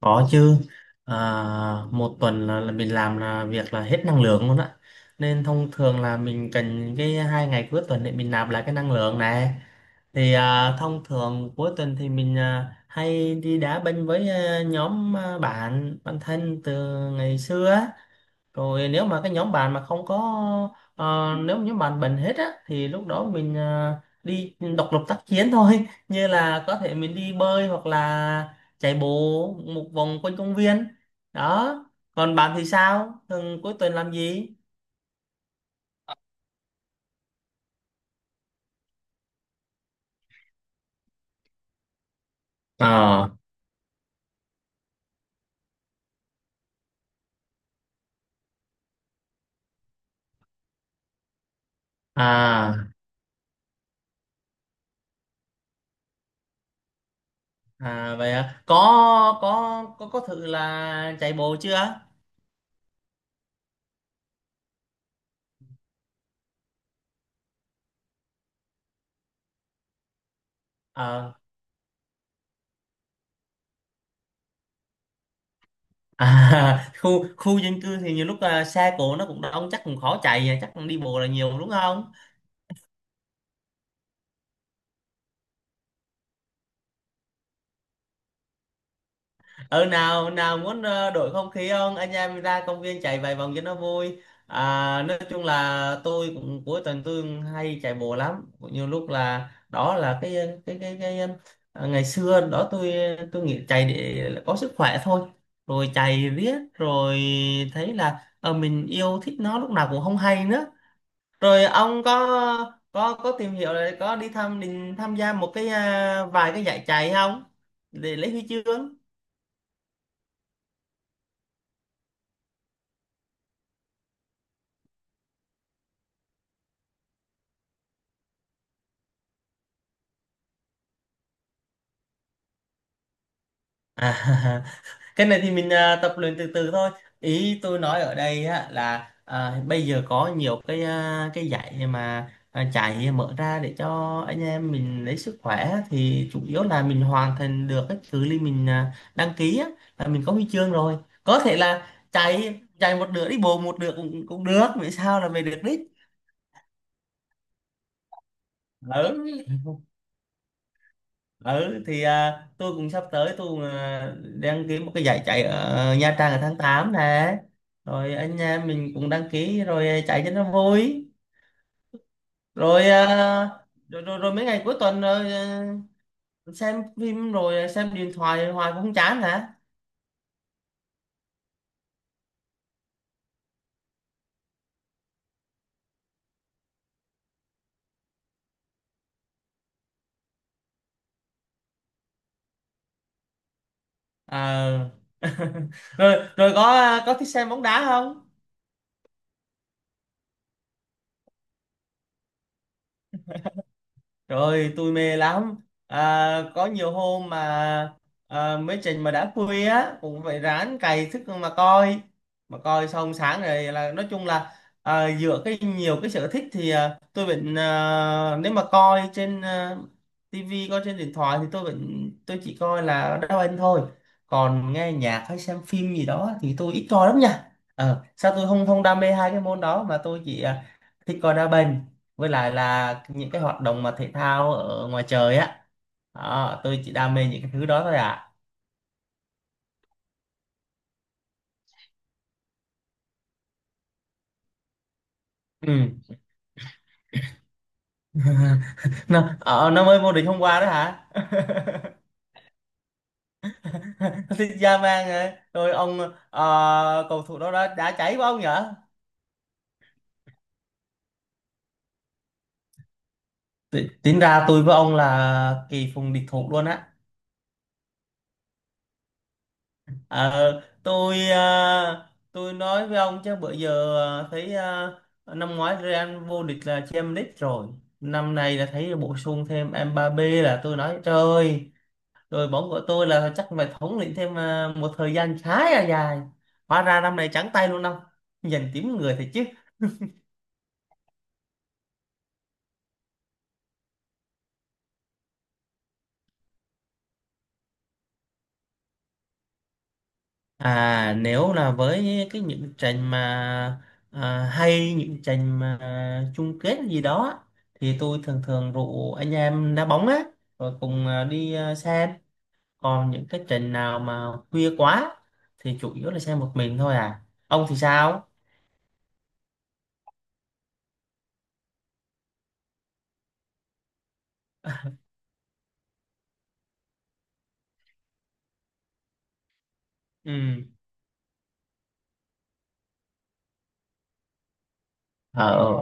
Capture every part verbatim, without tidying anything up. Có chứ. à, Một tuần là, là mình làm là việc là hết năng lượng luôn á, nên thông thường là mình cần cái hai ngày cuối tuần để mình nạp lại cái năng lượng này. Thì à, thông thường cuối tuần thì mình à, hay đi đá banh với à, nhóm à, bạn bạn thân từ ngày xưa á. Rồi nếu mà cái nhóm bạn mà không có, ờ, nếu mà nhóm bạn bệnh hết á thì lúc đó mình ờ, đi độc lập tác chiến thôi. Như là có thể mình đi bơi hoặc là chạy bộ một vòng quanh công viên đó. Còn bạn thì sao, thường cuối tuần làm gì? ờ à à vậy à? Có có có có thử là chạy bộ chưa? Ờ. à, khu khu dân cư thì nhiều lúc à, xe cộ nó cũng đông, chắc cũng khó chạy, à, chắc đi bộ là nhiều đúng không? Ừ, nào nào muốn ờ, đổi không khí không, anh em ra công viên chạy vài vòng cho nó vui. À, nói chung là tôi cũng cuối tuần tôi cũng hay chạy bộ lắm, nhiều lúc là đó là cái cái cái, cái ờ, ngày xưa đó tôi tôi nghĩ chạy để có sức khỏe thôi, rồi chạy riết rồi thấy là ờ, mình yêu thích nó lúc nào cũng không hay nữa. Rồi ông có có có tìm hiểu là có đi tham định tham gia một cái à, vài cái giải chạy không, để lấy huy chương? À. Cái này thì mình à, tập luyện từ từ thôi. Ý tôi nói ở đây á, là à, bây giờ có nhiều cái à, cái dạy mà à, chạy mở ra để cho anh em mình lấy sức khỏe á, thì chủ yếu là mình hoàn thành được cái cự ly mình à, đăng ký á, là mình có huy chương rồi. Có thể là chạy chạy một nửa đi bộ một nửa cũng cũng được, vì sao là về được đích. Ừ. Ừ, thì à, tôi cũng sắp tới tôi cũng, à, đăng ký một cái giải chạy ở Nha Trang ở tháng tám nè, rồi anh em mình cũng đăng ký rồi chạy cho nó vui. Rồi à, rồi, rồi, rồi mấy ngày cuối tuần rồi, à, xem phim rồi xem điện thoại hoài cũng không chán hả? À. Rồi rồi có có thích xem bóng đá không? Rồi, tôi mê lắm. À, có nhiều hôm mà à, mấy trình mà đã khuya á cũng phải ráng cày thức mà coi, mà coi xong sáng rồi, là nói chung là à, dựa cái nhiều cái sở thích thì à, tôi vẫn à, nếu mà coi trên à, tivi, coi trên điện thoại thì tôi vẫn tôi chỉ coi là đá banh thôi. Còn nghe nhạc hay xem phim gì đó thì tôi ít coi lắm nha. Ờ, sao tôi không không đam mê hai cái môn đó mà tôi chỉ à, thích coi đá banh với lại là những cái hoạt động mà thể thao ở ngoài trời á. Đó, tôi chỉ đam mê những cái thứ đó thôi ạ. Ừ. Nó ờ, nó mới vô địch hôm qua đó hả? Thì ra mang rồi rồi ông. Ờ, cầu thủ đó đã, đã cháy quá ông nhở. Ti- tính ra tôi với ông là kỳ phùng địch thủ luôn á. Ờ, tôi à, tôi nói với ông chứ bữa giờ, à, thấy à, năm ngoái Real vô địch là Champions League rồi. Năm nay là thấy bổ sung thêm Mbappé, là tôi nói trời ơi, đội bóng của tôi là chắc phải thống lĩnh thêm à, một thời gian khá là dài, hóa ra năm nay trắng tay luôn ông. Nhìn tím người thật chứ. À, nếu là với cái những trận mà à, hay những trận mà à, chung kết gì đó thì tôi thường thường rủ anh em đá bóng á, rồi cùng à, đi à, xem. Còn những cái trận nào mà khuya quá thì chủ yếu là xem một mình thôi à Ông thì sao? Ừ. Ờ,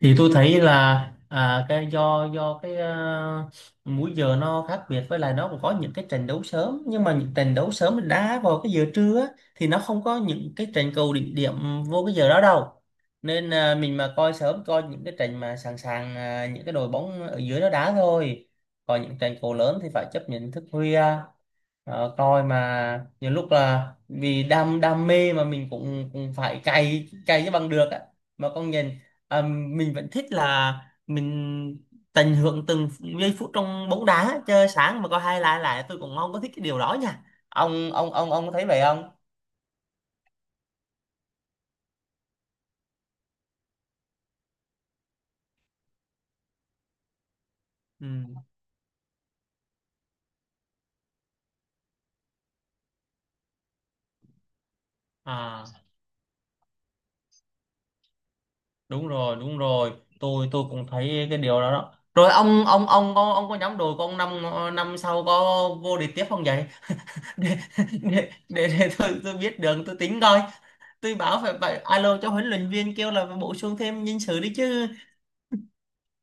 thì tôi thấy là à, cái do do cái à, múi giờ nó khác biệt, với lại nó cũng có những cái trận đấu sớm, nhưng mà những trận đấu sớm đá vào cái giờ trưa á, thì nó không có những cái trận cầu đỉnh điểm vô cái giờ đó đâu. Nên à, mình mà coi sớm coi những cái trận mà sẵn sàng à, những cái đội bóng ở dưới nó đá thôi. Còn những trận cầu lớn thì phải chấp nhận thức khuya. Đó, coi mà nhiều lúc là vì đam đam mê mà mình cũng cũng phải cày cày cho bằng được á. Mà con nhìn, à, mình vẫn thích là mình tận hưởng từng giây phút trong bóng đá. Chơi sáng mà coi hai lại lại tôi cũng không có thích cái điều đó nha. Ông ông ông ông có thấy vậy không? Ừ. À, đúng rồi đúng rồi tôi tôi cũng thấy cái điều đó đó. Rồi ông ông ông có, ông có nhóm đội của ông năm năm sau có vô địch tiếp không vậy, để để để, để tôi tôi biết đường tôi tính coi. Tôi bảo phải phải alo cho huấn luyện viên kêu là phải bổ sung thêm nhân sự đi chứ.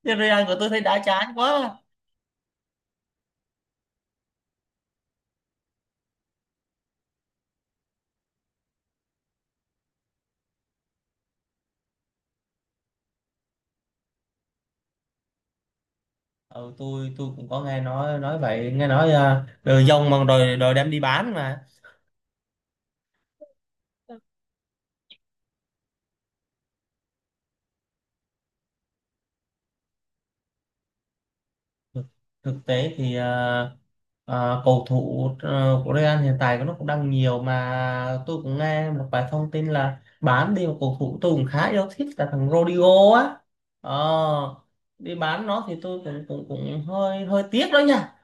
Cái Real của tôi thấy đã chán quá. Ừ, tôi tôi cũng có nghe nói nói vậy, nghe nói uh, đồ dông mà rồi rồi đem đi bán mà. Thực Thực tế thì ờ, ờ, cầu thủ ờ, của Real hiện tại nó cũng đang nhiều, mà tôi cũng nghe một vài thông tin là bán đi một cầu thủ tôi cũng khá yêu thích là thằng Rodrigo á. Ờ, đi bán nó thì tôi cũng cũng cũng hơi hơi tiếc đó nha.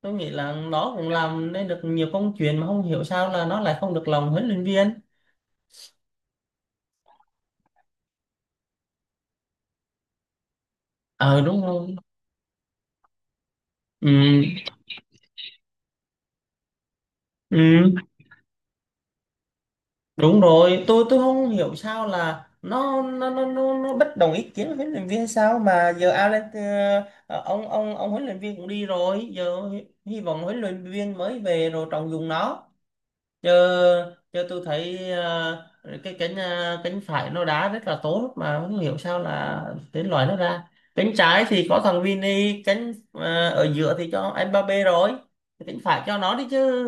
Tôi nghĩ là nó cũng làm nên được nhiều công chuyện mà không hiểu sao là nó lại không được lòng huấn luyện viên. Ờ, đúng rồi. Ừ. Ừ. Đúng rồi, tôi tôi không hiểu sao là nó nó nó nó, nó bất đồng ý kiến với huấn luyện viên, sao mà giờ Alan ờ, ờ, ông ông ông huấn luyện viên cũng đi rồi, giờ hy hy vọng huấn luyện viên mới về rồi trọng dụng nó. Giờ Giờ tôi thấy ờ, cái cánh ờ, cánh phải nó đá rất là tốt mà không hiểu sao là đến loại nó ra. Cánh trái thì có thằng Vini, cánh ờ, ở giữa thì cho Mbappe rồi, cánh phải cho nó đi chứ,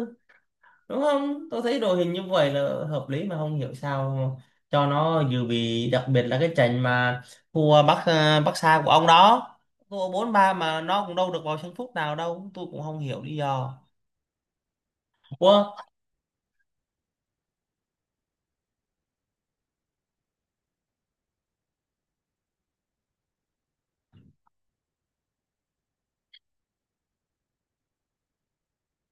đúng không? Tôi thấy đội hình như vậy là hợp lý mà không hiểu sao cho nó dự bị, đặc biệt là cái trận mà thua Bắc ờ, Bắc Sa của ông đó, thua bốn ba mà nó cũng đâu được vào sân phút nào đâu, tôi cũng không hiểu lý do. Ủa,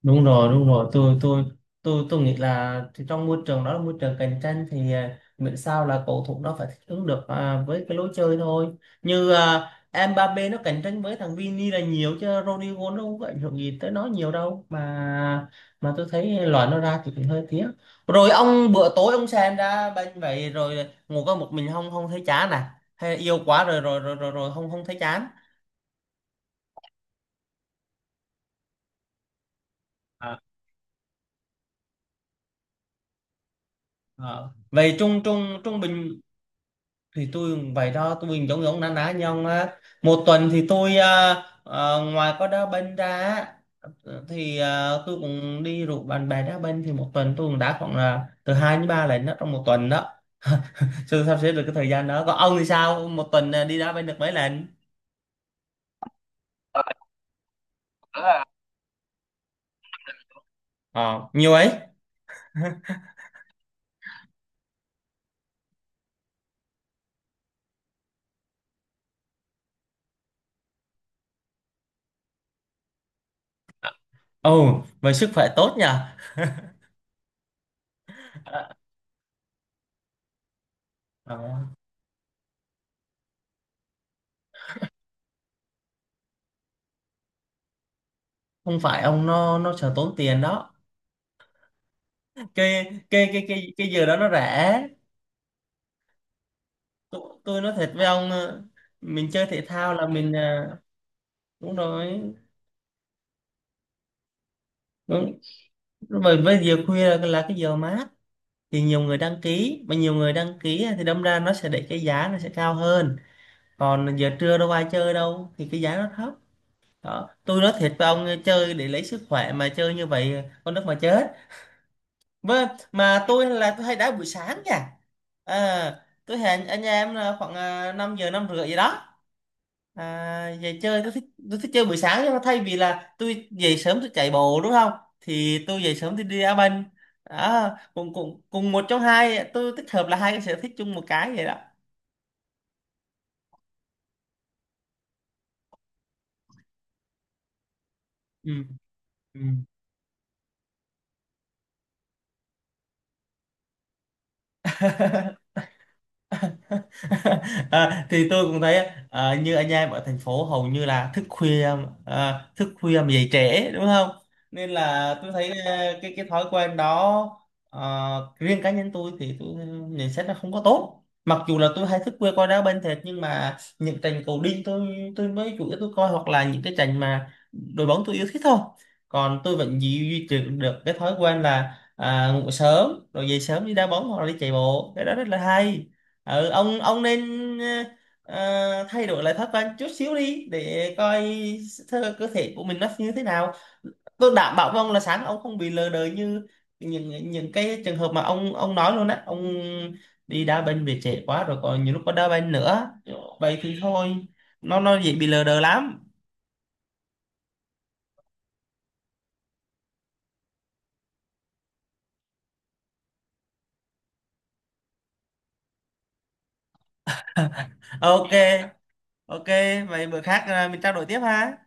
đúng rồi đúng rồi tôi tôi tôi tôi nghĩ là thì trong môi trường đó là môi trường cạnh tranh, thì à, miễn sao là cầu thủ nó phải thích ứng được à, với cái lối chơi thôi. Như à, Mbappé nó cạnh tranh với thằng Vini là nhiều chứ Rodrigo nó không có ảnh hưởng gì tới nó nhiều đâu mà mà tôi thấy loại nó ra thì cũng hơi tiếc. Rồi ông bữa tối ông xem ra bên vậy rồi ngồi có một mình không, không thấy chán à hay yêu quá rồi rồi rồi rồi, rồi không không thấy chán? À, à. Vậy trung trung trung bình thì tôi cũng vậy đó, tôi mình giống giống na ná nhau á. Một tuần thì tôi à, à, ngoài có đá banh ra á, thì à, tôi cũng đi rủ bạn bè đá banh thì một tuần tôi cũng đá khoảng là từ hai đến ba lần đó, trong một tuần đó. Chưa sắp xếp được cái thời gian đó. Còn ông thì sao, một tuần à, đi đá banh được mấy lần? Ờ, nhiều ấy. Ồ vậy sức khỏe tốt nhỉ. Ờ, không phải ông, nó nó sợ tốn tiền đó. cái cái cái cái cái giờ đó nó rẻ. Tôi, tôi nói thật với ông, ờ, mình chơi thể thao là mình à, đúng rồi đúng, bởi với giờ khuya là, là cái giờ mát thì nhiều người đăng ký, mà nhiều người đăng ký á, thì đâm ra nó sẽ để cái giá nó sẽ cao hơn. Còn giờ trưa đâu ai chơi đâu thì cái giá nó thấp đó. Tôi nói thiệt với ông, ờ, chơi để lấy sức khỏe mà chơi như vậy ờ, con đất mà chết. Với, mà tôi là tôi hay đá buổi sáng nha. à, tôi hẹn anh em là khoảng à, năm giờ năm rưỡi gì đó. À, về chơi tôi thích, tôi thích chơi buổi sáng, nhưng mà thay vì là tôi về sớm tôi chạy bộ đúng không, thì tôi về sớm tôi đi đá banh. Đó cùng cùng cùng một trong hai tôi tích hợp là hai cái sở thích chung một cái vậy đó. Ừ. Ừ. À, thì tôi cũng thấy à, như anh em ở thành phố hầu như là thức khuya, à, thức khuya mà dậy trễ đúng không. Nên là tôi thấy à, cái cái thói quen đó, à, riêng cá nhân tôi thì tôi nhận xét là không có tốt, mặc dù là tôi hay thức khuya coi đá banh thiệt, nhưng mà những trận cầu đinh tôi tôi mới chủ yếu tôi coi, hoặc là những cái trận mà đội bóng tôi yêu thích thôi. Còn tôi vẫn duy duy trì được cái thói quen là à, ngủ sớm rồi dậy sớm đi đá bóng hoặc là đi chạy bộ, cái đó rất là hay. Ừ, ông ông nên ờ, ờ, thay đổi lại thói quen chút xíu đi để coi thơ cơ thể của mình nó như thế nào. Tôi đảm bảo với ông là sáng ông không bị lờ đờ như những những cái trường hợp mà ông ông nói luôn á. Ông đi đá banh về trễ quá rồi, còn nhiều lúc có đá banh nữa, vậy thì thôi, nó nó dễ bị lờ đờ lắm. Ok, ok, vậy bữa khác à, mình trao đổi tiếp ha.